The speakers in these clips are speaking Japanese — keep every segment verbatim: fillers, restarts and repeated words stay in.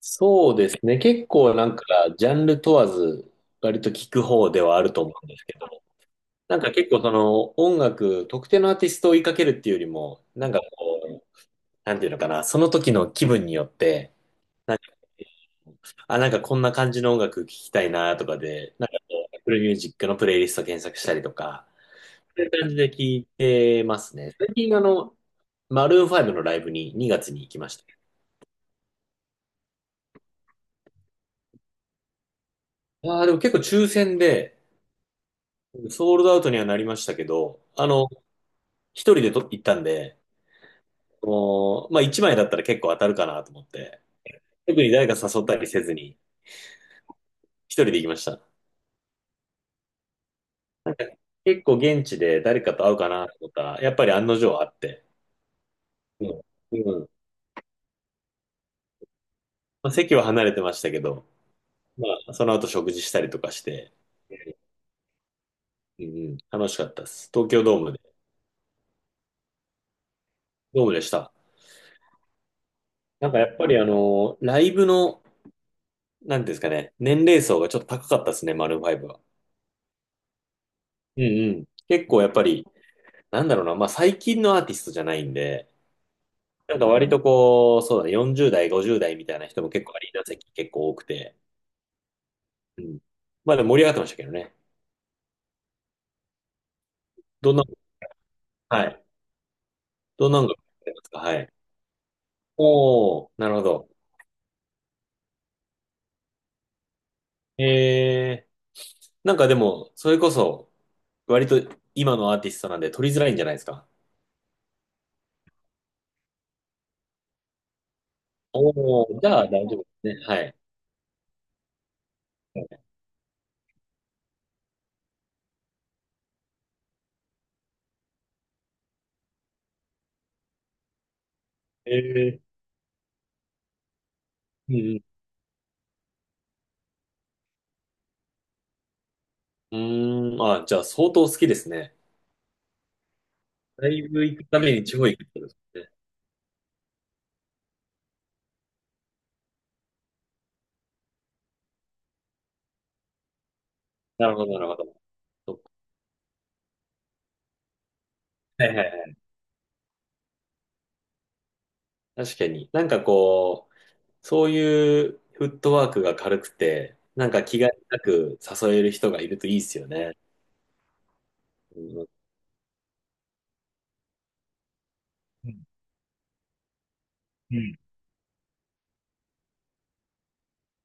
そうですね。結構なんか、ジャンル問わず、割と聞く方ではあると思うんですけど、なんか結構その音楽、特定のアーティストを追いかけるっていうよりも、なんかこう、なんていうのかな、その時の気分によって、なんか、あ、なんかこんな感じの音楽聞きたいなとかで、なんかこう、アップルミュージック のプレイリスト検索したりとか、そういう感じで聞いてますね。最近あの、マルーンファイブのライブににがつに行きました。ああ、でも結構抽選で、ソールドアウトにはなりましたけど、あの、一人でと行ったんで、もう、まあ一枚だったら結構当たるかなと思って、特に誰か誘ったりせずに、一人で行きました。結構現地で誰かと会うかなと思ったら、やっぱり案の定会って、うん。うん。まあ、席は離れてましたけど、まあその後食事したりとかして、うんうん、楽しかったです。東京ドームで、ドームでした。なんかやっぱりあの、ライブの、なんていうんですかね、年齢層がちょっと高かったですね、マルーンファイブは。うんうん。結構やっぱり、なんだろうな、まあ最近のアーティストじゃないんで、なんか割とこう、そうだね、よんじゅうだい代、ごじゅうだい代みたいな人も結構アリーナ席結構多くて、うん。まあでも盛り上がってましたけどね。どんな、はい。どんなのがありますかはい。おー、なるほど。えー、なんかでも、それこそ、割と今のアーティストなんで取りづらいんじゃないですか。おー、じゃあ大丈夫ですね。はい。えー、うん、うん。うーん、あ、じゃあ相当好きですね。ライブ行くために地方行くってことですね。なるほど、なるほど。そっかはいはいはい。確かに。なんかこう、そういうフットワークが軽くて、なんか気兼ねなく誘える人がいるといいですよね。うん、うんうん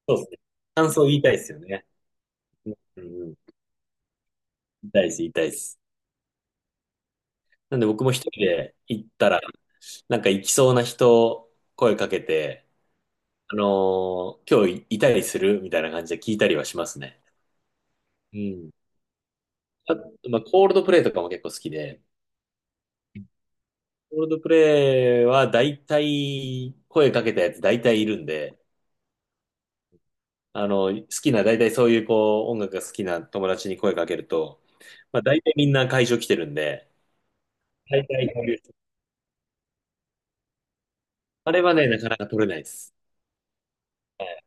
そうですね。感想言いたいですよね。うんうん。言いたいです、言いたいです。なんで僕も一人で行ったら、なんか行きそうな人、声かけて、あのー今日いたりするみたいな感じで聞いたりはしますね。うん。あ、まあ、コールドプレイとかも結構好きで、コールドプレイは大体、声かけたやつ大体いるんで、あの、好きな、大体そういうこう、音楽が好きな友達に声かけると、まあ大体みんな会場来てるんで、大体こういう、あれはね、なかなか取れないです。はい。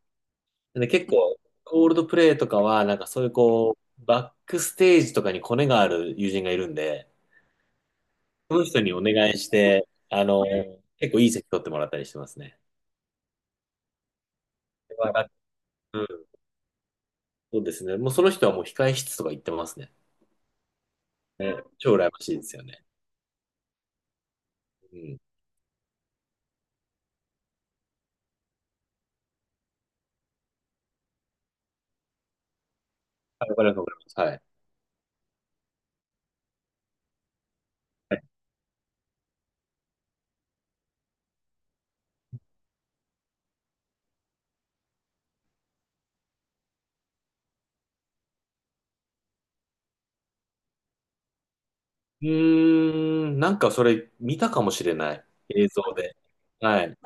で、結構、コールドプレイとかは、なんかそういうこう、バックステージとかにコネがある友人がいるんで、その人にお願いして、あの、結構いい席取ってもらったりしてますね。わかっうん、そうですね。もうその人はもう控え室とか行ってますね。ね、超羨ましいですよね。うん。あ、わかります、わかります。はい。うーん、なんかそれ見たかもしれない。映像で。はい。う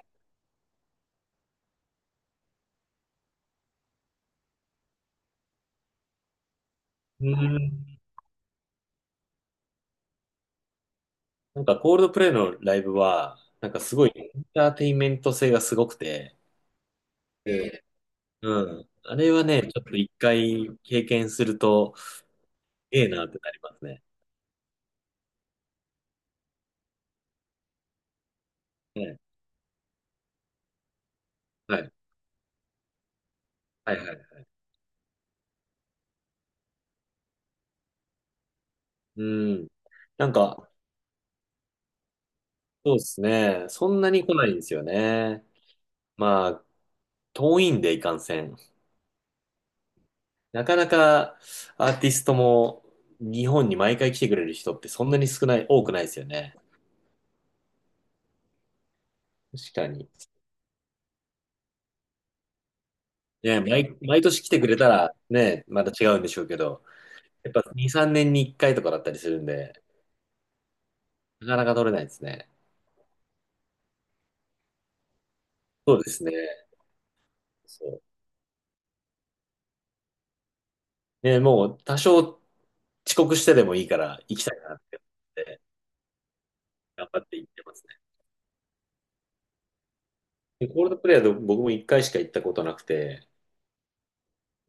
ーん。なんかコールドプレイのライブは、なんかすごいエンターテインメント性がすごくて、ええうん。あれはね、ちょっと一回経験すると、ええなってなりますね。ええ。はい。はいはい。うん。なんか、そうですね。そんなに来ないんですよね。まあ、遠いんでいかんせん。なかなかアーティストも日本に毎回来てくれる人ってそんなに少ない、多くないですよね。確かに。ね、毎、毎年来てくれたらね、また違うんでしょうけど、やっぱに、さんねんにいっかいとかだったりするんで、なかなか取れないですね。そうですね。そう。ね、もう多少遅刻してでもいいから行きたいなって思って頑張って行ってますね。でコールドプレイヤーで僕もいっかいしか行ったことなくて、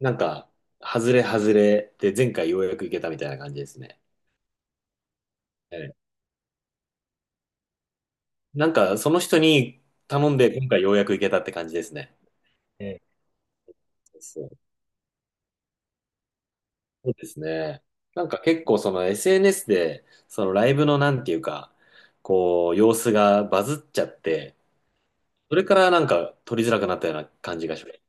なんか、外れ外れで前回ようやく行けたみたいな感じですね。なんか、その人に頼んで、今回ようやく行けたって感じですね。ええ、そう、そうですね。なんか結構その エスエヌエス で、そのライブのなんていうか、こう、様子がバズっちゃって、それからなんか撮りづらくなったような感じがします。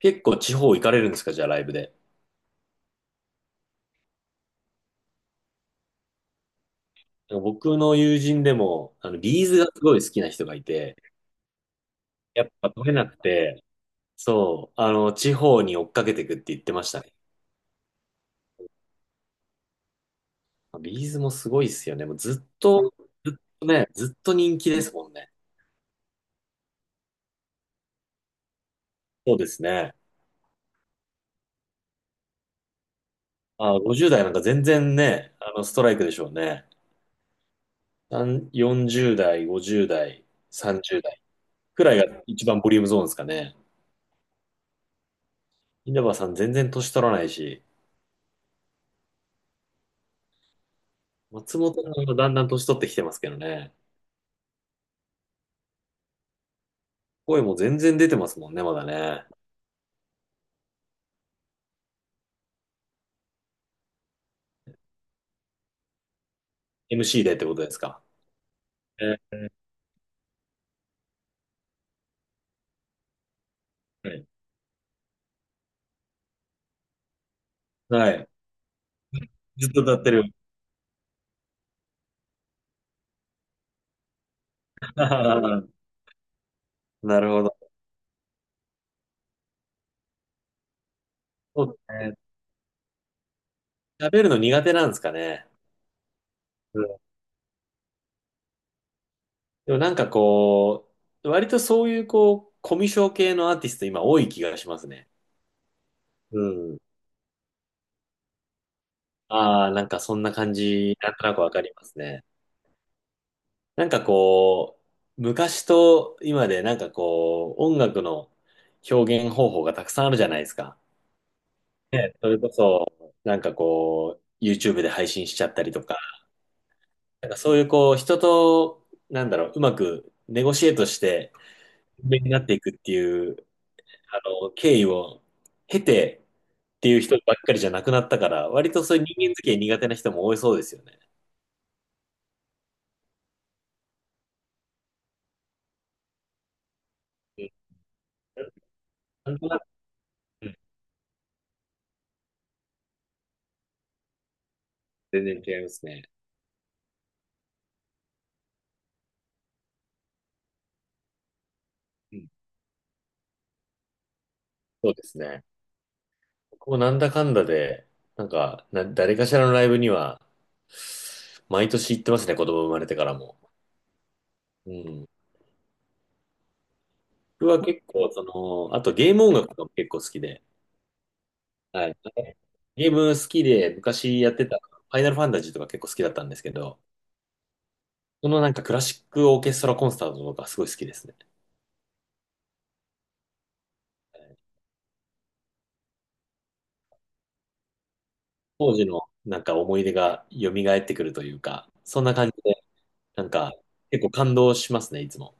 結構地方行かれるんですか、じゃあライブで。僕の友人でも、あの、ビーズがすごい好きな人がいて、やっぱ撮れなくて、そう、あの、地方に追っかけてくって言ってました。ビーズもすごいっすよね。もうずっと、ずっとね、ずっと人気ですもんね。そうですね。あ、ごじゅう代なんか全然ね、あの、ストライクでしょうね。さんよんじゅう代、ごじゅう代、さんじゅう代くらいが一番ボリュームゾーンですかね。稲葉さん全然年取らないし、松本さんがだんだん年取ってきてますけどね。声も全然出てますもんね、まだね。エムシー でってことですか。えーはい。はい。ずっと歌ってる。なるほど。そうですね。喋るの苦手なんですかね。うん。でもなんかこう、割とそういうこう、コミュ障系のアーティスト今多い気がしますね。うん。ああ、なんかそんな感じ、なんとなくわかりますね。なんかこう、昔と今でなんかこう、音楽の表現方法がたくさんあるじゃないですか。ね、それこそ、なんかこう、ユーチューブ で配信しちゃったりとか、なんかそういうこう、人と、なんだろう、うまくネゴシエートして、有名になっていくっていう、あの、経緯を経て、っていう人ばっかりじゃなくなったから、割とそういう人間付き合い苦手な人も多いそうですよね。うん。なんとなく、うん、全然違いますね。うん。そうですね。僕もなんだかんだで、なんか、な、誰かしらのライブには、毎年行ってますね、子供生まれてからも。うん。僕は結構、その、あとゲーム音楽とかも結構好きで、はい。ゲーム好きで、昔やってた、ファイナルファンタジーとか結構好きだったんですけど、そのなんかクラシックオーケストラコンサートとかすごい好きですね。当時のなんか思い出が蘇ってくるというか、そんな感じで、なんか結構感動しますね、いつも。